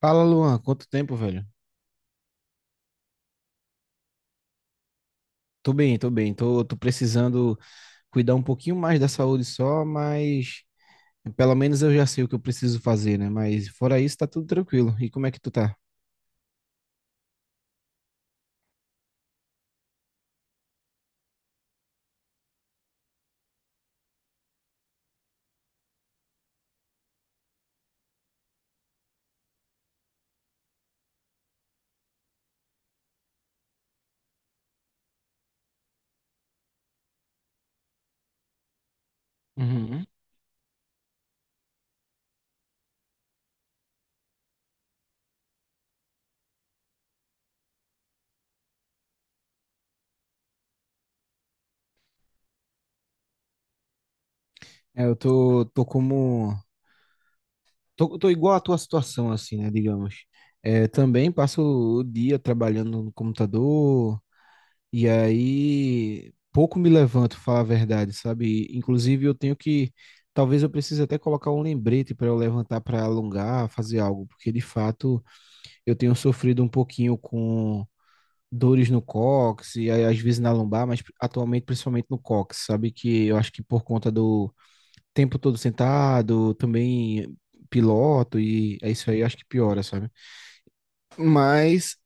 Fala, Luan, quanto tempo, velho? Tô bem, tô bem. Tô precisando cuidar um pouquinho mais da saúde só, mas pelo menos eu já sei o que eu preciso fazer, né? Mas fora isso, tá tudo tranquilo. E como é que tu tá? Uhum. É, eu tô, tô como. Tô igual à tua situação, assim, né? Digamos. É, também passo o dia trabalhando no computador. E aí, pouco me levanto, falar a verdade, sabe? Inclusive, eu tenho que. Talvez eu precise até colocar um lembrete para eu levantar para alongar, fazer algo, porque de fato eu tenho sofrido um pouquinho com dores no cóccix e aí, às vezes na lombar, mas atualmente principalmente no cóccix, sabe? Que eu acho que por conta do tempo todo sentado, também piloto e é isso aí, acho que piora, sabe? Mas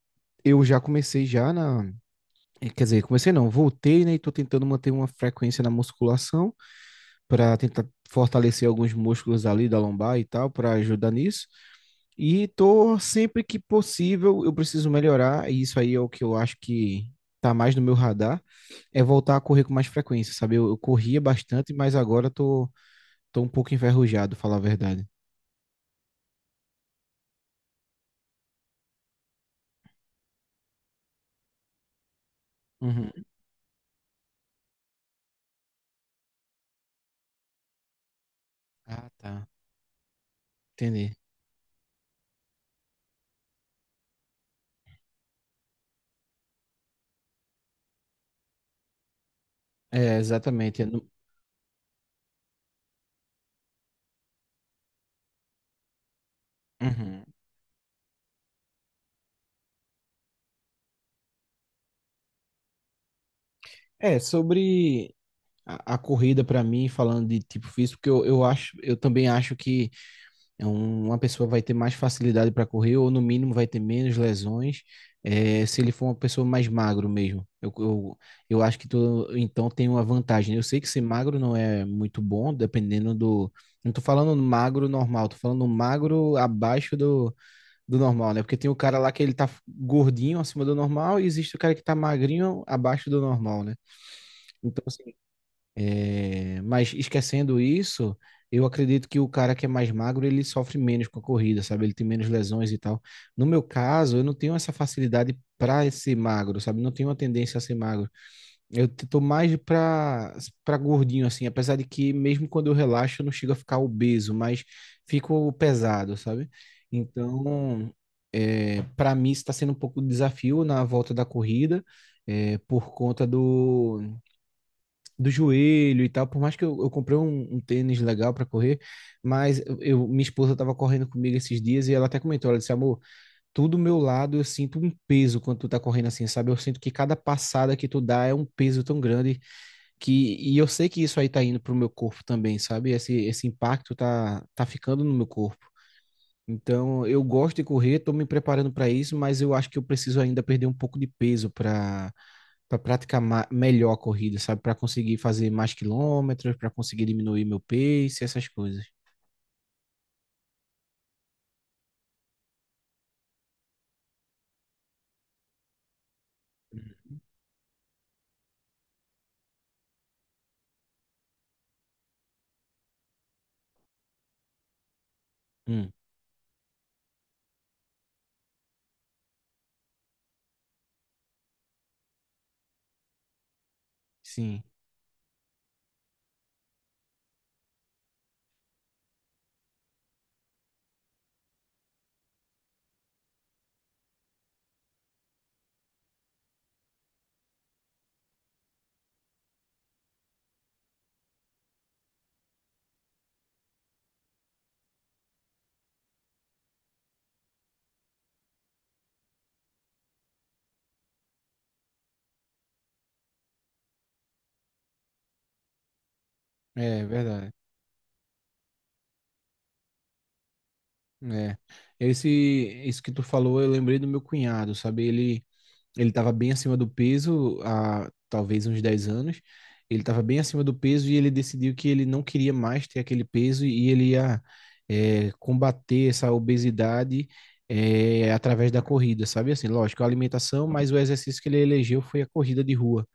eu já comecei quer dizer, comecei não, voltei, né? E tô tentando manter uma frequência na musculação para tentar fortalecer alguns músculos ali da lombar e tal, para ajudar nisso. E tô sempre que possível, eu preciso melhorar, e isso aí é o que eu acho que tá mais no meu radar, é voltar a correr com mais frequência, sabe? Eu corria bastante, mas agora tô, tô um pouco enferrujado, falar a verdade. Uhum. Ah, tá. Entendi. É, exatamente. Uhum. É, sobre a corrida para mim, falando de tipo físico, porque eu também acho que é uma pessoa vai ter mais facilidade para correr, ou no mínimo vai ter menos lesões, é, se ele for uma pessoa mais magro mesmo. Eu acho que tu, então tem uma vantagem. Eu sei que ser magro não é muito bom, dependendo do. Não tô falando magro normal, tô falando magro do normal, né? Porque tem o cara lá que ele tá gordinho acima do normal e existe o cara que tá magrinho abaixo do normal, né? Então, assim, é, mas esquecendo isso, eu acredito que o cara que é mais magro, ele sofre menos com a corrida, sabe? Ele tem menos lesões e tal. No meu caso, eu não tenho essa facilidade para ser magro, sabe? Não tenho uma tendência a ser magro. Tô mais para gordinho assim, apesar de que mesmo quando eu relaxo, eu não chego a ficar obeso, mas fico pesado, sabe? Então, é, para mim está sendo um pouco de desafio na volta da corrida, é, por conta do joelho e tal. Por mais que eu comprei um tênis legal para correr, mas eu, minha esposa tava correndo comigo esses dias e ela até comentou, ela disse, amor, tudo meu lado eu sinto um peso quando tu tá correndo assim, sabe? Eu sinto que cada passada que tu dá é um peso tão grande que e eu sei que isso aí tá indo pro meu corpo também, sabe? Esse impacto tá ficando no meu corpo. Então, eu gosto de correr, estou me preparando para isso, mas eu acho que eu preciso ainda perder um pouco de peso para praticar melhor a corrida, sabe? Para conseguir fazer mais quilômetros, para conseguir diminuir meu pace, essas coisas. Hum, sim, é verdade. É. Esse, isso que tu falou, eu lembrei do meu cunhado, sabe? Ele estava bem acima do peso há talvez uns 10 anos. Ele estava bem acima do peso e ele decidiu que ele não queria mais ter aquele peso e ele ia é, combater essa obesidade é, através da corrida, sabe? Assim, lógico, a alimentação, mas o exercício que ele elegeu foi a corrida de rua.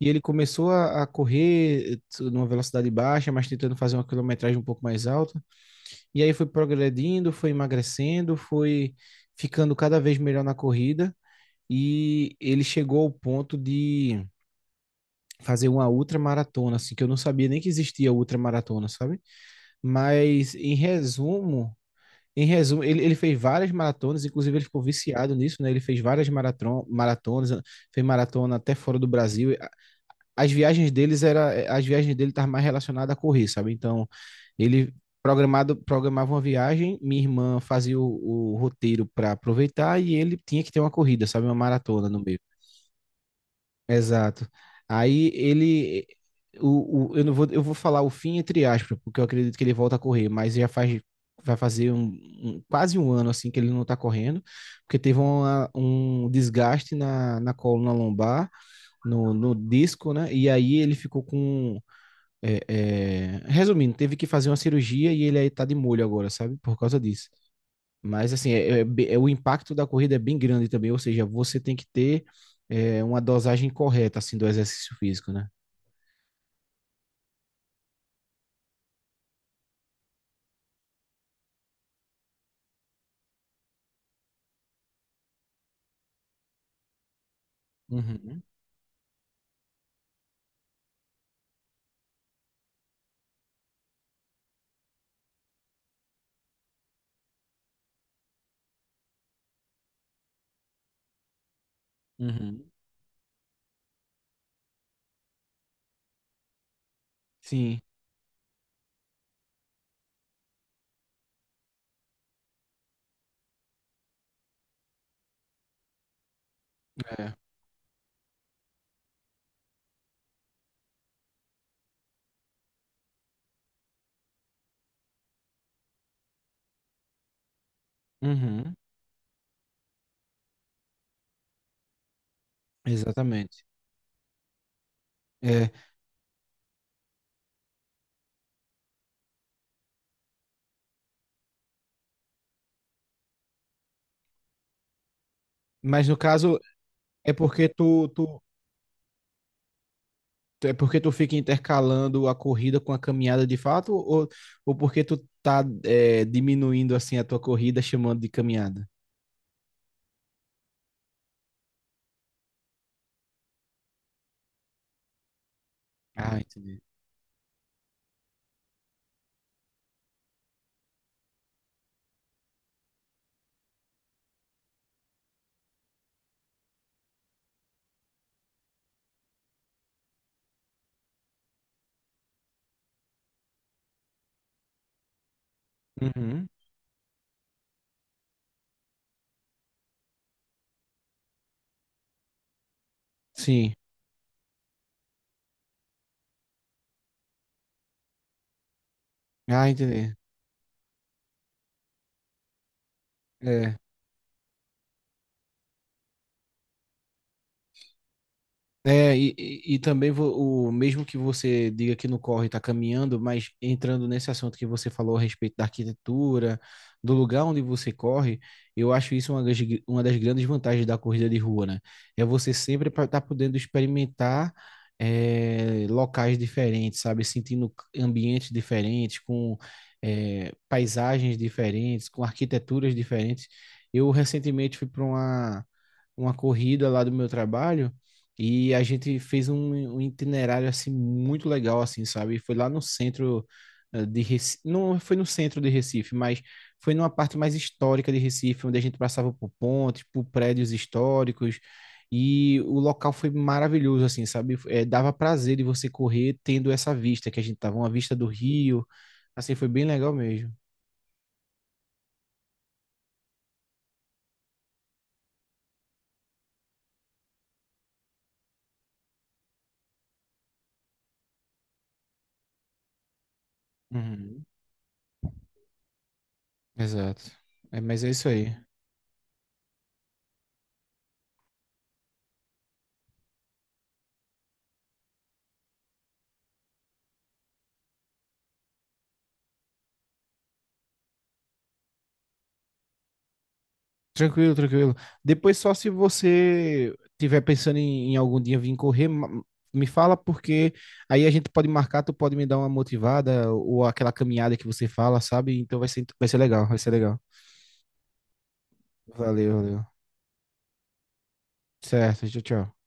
E ele começou a correr numa velocidade baixa, mas tentando fazer uma quilometragem um pouco mais alta. E aí foi progredindo, foi emagrecendo, foi ficando cada vez melhor na corrida e ele chegou ao ponto de fazer uma ultramaratona, assim, que eu não sabia nem que existia ultramaratona, sabe? Mas em resumo, em resumo, ele fez várias maratonas, inclusive ele ficou viciado nisso, né? Ele fez várias maratonas, fez maratona até fora do Brasil. As as viagens dele estavam mais relacionadas a correr, sabe? Então, ele programava uma viagem, minha irmã fazia o roteiro para aproveitar e ele tinha que ter uma corrida, sabe? Uma maratona no meio. Exato. Aí ele. Eu não vou, eu vou falar o fim entre aspas, porque eu acredito que ele volta a correr, mas já faz, vai fazer quase um ano assim que ele não tá correndo, porque teve um desgaste na coluna lombar, no disco, né? E aí ele ficou com. É, é, resumindo, teve que fazer uma cirurgia e ele aí tá de molho agora, sabe? Por causa disso. Mas assim, o impacto da corrida é bem grande também, ou seja, você tem que ter é, uma dosagem correta assim do exercício físico, né? Uhum, uhum. Sim, é. Uhum, exatamente. É, mas no caso é porque tu é porque tu fica intercalando a corrida com a caminhada de fato, ou porque tu tá é, diminuindo assim a tua corrida chamando de caminhada? Ah, entendi. Uhum. Sim. Ah, entendi. É. E também o mesmo que você diga que não corre está caminhando, mas entrando nesse assunto que você falou a respeito da arquitetura, do lugar onde você corre, eu acho isso uma das grandes vantagens da corrida de rua, né? É você sempre estar podendo experimentar é, locais diferentes, sabe? Sentindo ambientes diferentes, com é, paisagens diferentes, com arquiteturas diferentes. Eu recentemente fui para uma corrida lá do meu trabalho. E a gente fez um itinerário assim muito legal assim, sabe? Foi lá no centro eh, de Recife, não foi no centro de Recife, mas foi numa parte mais histórica de Recife, onde a gente passava por pontes, por prédios históricos, e o local foi maravilhoso assim, sabe? Eh, dava prazer de você correr tendo essa vista que a gente tava, uma vista do rio. Assim, foi bem legal mesmo. Uhum. Exato. É, mas é isso aí. Tranquilo, tranquilo. Depois, só se você tiver pensando em, em algum dia vir correr, me fala, porque aí a gente pode marcar, tu pode me dar uma motivada ou aquela caminhada que você fala, sabe? Então vai ser legal, vai ser legal. Valeu, valeu. Certo, tchau, tchau.